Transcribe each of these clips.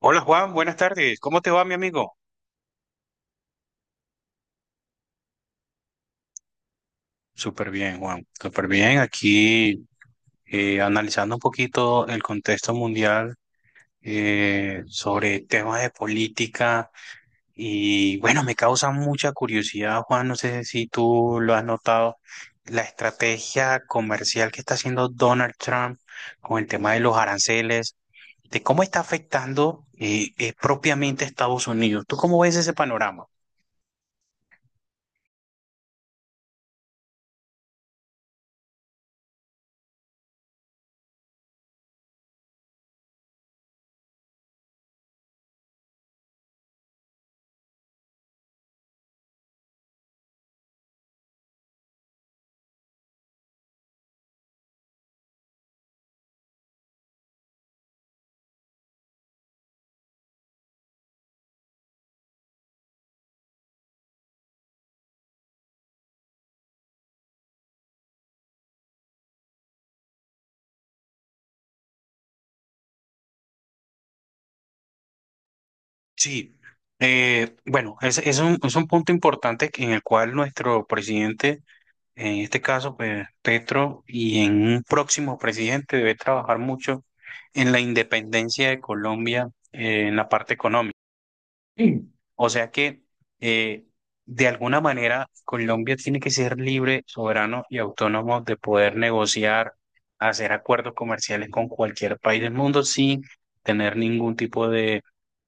Hola Juan, buenas tardes. ¿Cómo te va, mi amigo? Súper bien, Juan. Súper bien. Aquí analizando un poquito el contexto mundial sobre temas de política y bueno, me causa mucha curiosidad, Juan. No sé si tú lo has notado, la estrategia comercial que está haciendo Donald Trump con el tema de los aranceles, de cómo está afectando propiamente a Estados Unidos. ¿Tú cómo ves ese panorama? Sí, bueno, es un punto importante en el cual nuestro presidente, en este caso, pues, Petro, y en un próximo presidente debe trabajar mucho en la independencia de Colombia, en la parte económica. Sí. O sea que, eh, de alguna manera, Colombia tiene que ser libre, soberano y autónomo de poder negociar, hacer acuerdos comerciales con cualquier país del mundo sin tener ningún tipo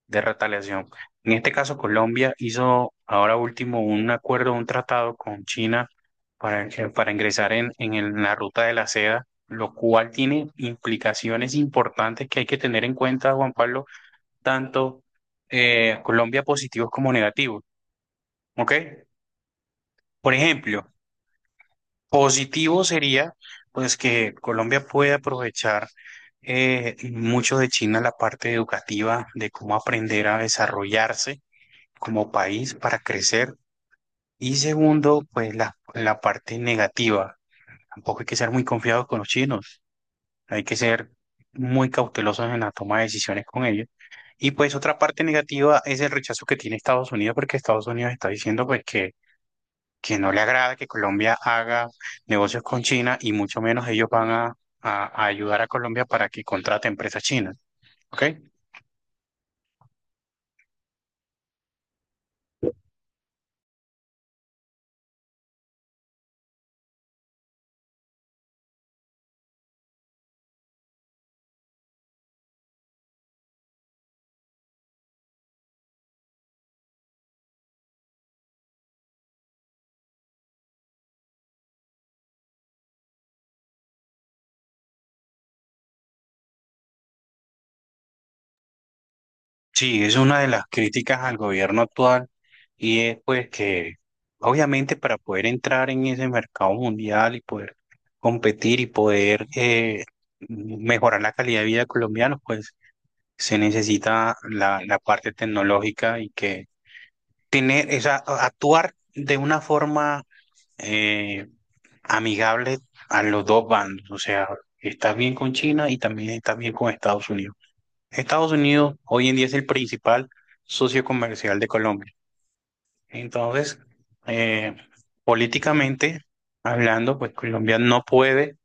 de retaliación. En este caso, Colombia hizo ahora último un acuerdo, un tratado con China para ingresar en en la ruta de la seda, lo cual tiene implicaciones importantes que hay que tener en cuenta, Juan Pablo, tanto Colombia positivos como negativos. ¿Ok? Por ejemplo, positivo sería pues que Colombia puede aprovechar mucho de China la parte educativa de cómo aprender a desarrollarse como país para crecer. Y segundo, pues la parte negativa. Tampoco hay que ser muy confiados con los chinos. Hay que ser muy cautelosos en la toma de decisiones con ellos. Y pues otra parte negativa es el rechazo que tiene Estados Unidos, porque Estados Unidos está diciendo pues que no le agrada que Colombia haga negocios con China y mucho menos ellos van a ayudar a Colombia para que contrate empresas chinas. ¿Ok? Sí, es una de las críticas al gobierno actual y es pues que obviamente para poder entrar en ese mercado mundial y poder competir y poder mejorar la calidad de vida de colombianos, pues se necesita la parte tecnológica y que tener esa, actuar de una forma eh, amigable a los dos bandos, o sea, estás bien con China y también estás bien con Estados Unidos. Estados Unidos hoy en día es el principal socio comercial de Colombia. Entonces, eh, políticamente hablando, pues Colombia no puede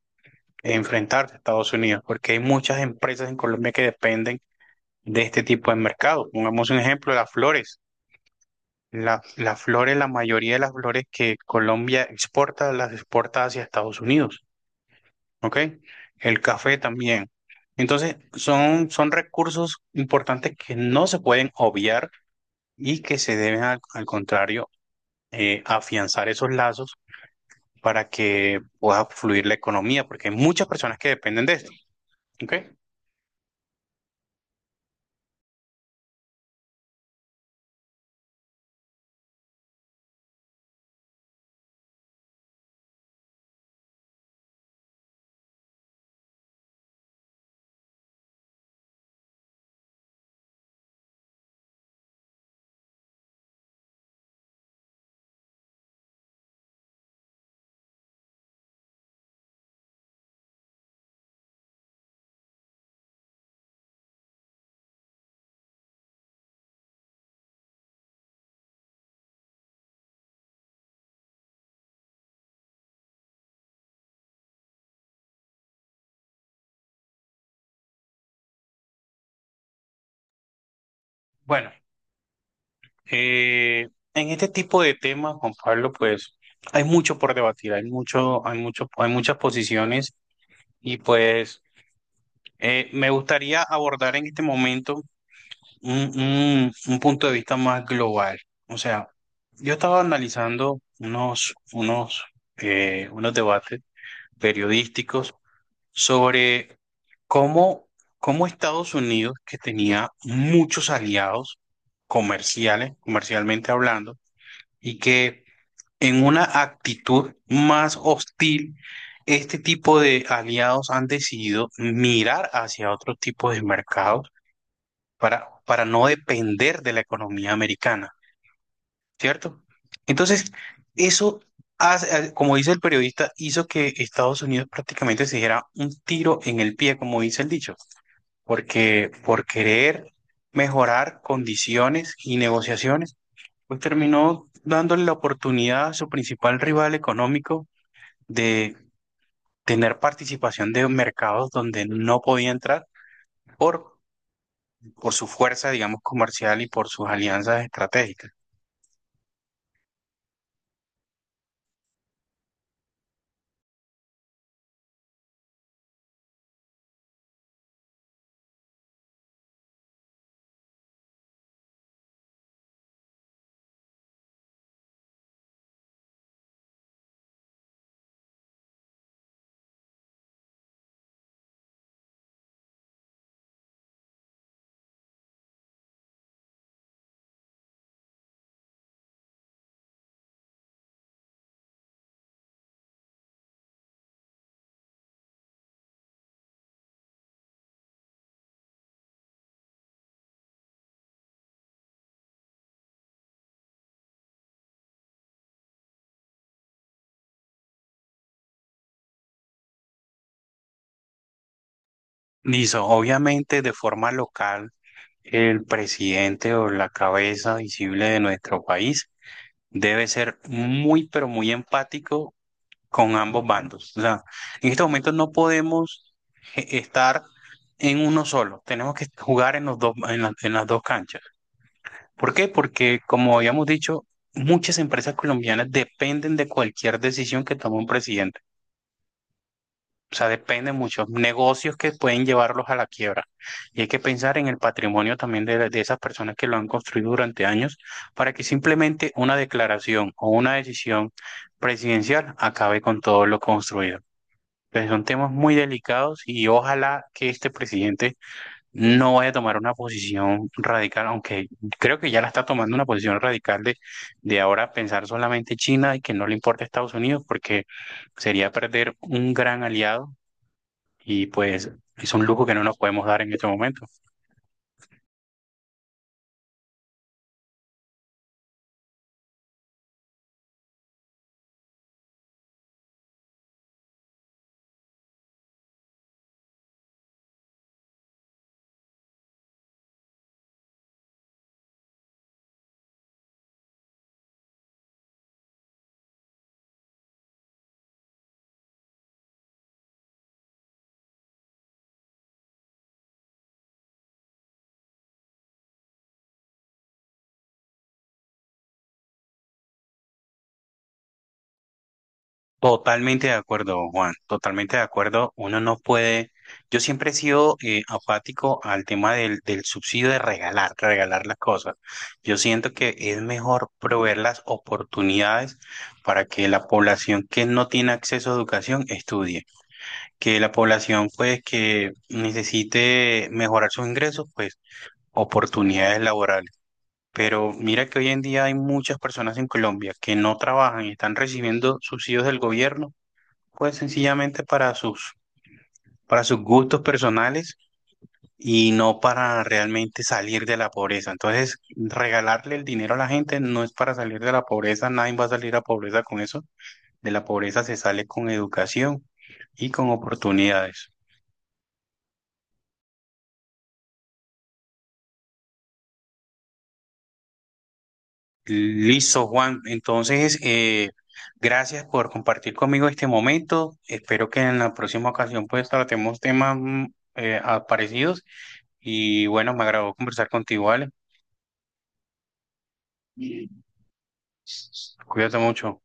enfrentarse a Estados Unidos porque hay muchas empresas en Colombia que dependen de este tipo de mercado. Pongamos un ejemplo, las flores. Las flores, la mayoría de las flores que Colombia exporta, las exporta hacia Estados Unidos, ¿ok? El café también. Entonces, son recursos importantes que no se pueden obviar y que se deben al, al contrario afianzar esos lazos para que pueda fluir la economía, porque hay muchas personas que dependen de esto. ¿Ok? Bueno, eh, en este tipo de temas, Juan Pablo, pues hay mucho por debatir, hay mucho, hay mucho, hay muchas posiciones y pues me gustaría abordar en este momento un punto de vista más global. O sea, yo estaba analizando unos debates periodísticos sobre cómo, cómo Estados Unidos, que tenía muchos aliados comerciales, comercialmente hablando, y que en una actitud más hostil, este tipo de aliados han decidido mirar hacia otro tipo de mercados para no depender de la economía americana, ¿cierto? Entonces, eso, como dice el periodista, hizo que Estados Unidos prácticamente se diera un tiro en el pie, como dice el dicho, porque por querer mejorar condiciones y negociaciones, pues terminó dándole la oportunidad a su principal rival económico de tener participación de mercados donde no podía entrar por, por su fuerza, digamos, comercial y por sus alianzas estratégicas. Listo, obviamente, de forma local, el presidente o la cabeza visible de nuestro país debe ser muy, pero muy empático con ambos bandos. O sea, en este momento no podemos estar en uno solo, tenemos que jugar en, los dos, en las dos canchas. ¿Por qué? Porque, como habíamos dicho, muchas empresas colombianas dependen de cualquier decisión que tome un presidente. O sea, dependen muchos negocios que pueden llevarlos a la quiebra. Y hay que pensar en el patrimonio también de esas personas que lo han construido durante años para que simplemente una declaración o una decisión presidencial acabe con todo lo construido. Pues son temas muy delicados y ojalá que este presidente no vaya a tomar una posición radical, aunque creo que ya la está tomando una posición radical de ahora pensar solamente China y que no le importa Estados Unidos, porque sería perder un gran aliado y pues es un lujo que no nos podemos dar en este momento. Totalmente de acuerdo, Juan, totalmente de acuerdo. Uno no puede, yo siempre he sido apático al tema del subsidio de regalar, regalar las cosas. Yo siento que es mejor proveer las oportunidades para que la población que no tiene acceso a educación estudie, que la población pues que necesite mejorar sus ingresos, pues oportunidades laborales. Pero mira que hoy en día hay muchas personas en Colombia que no trabajan y están recibiendo subsidios del gobierno pues sencillamente para sus gustos personales y no para realmente salir de la pobreza. Entonces, regalarle el dinero a la gente no es para salir de la pobreza, nadie va a salir a pobreza con eso. De la pobreza se sale con educación y con oportunidades. Listo, Juan. Entonces, gracias por compartir conmigo este momento. Espero que en la próxima ocasión pues tratemos temas parecidos y bueno, me agradó conversar contigo, ¿vale? Cuídate mucho.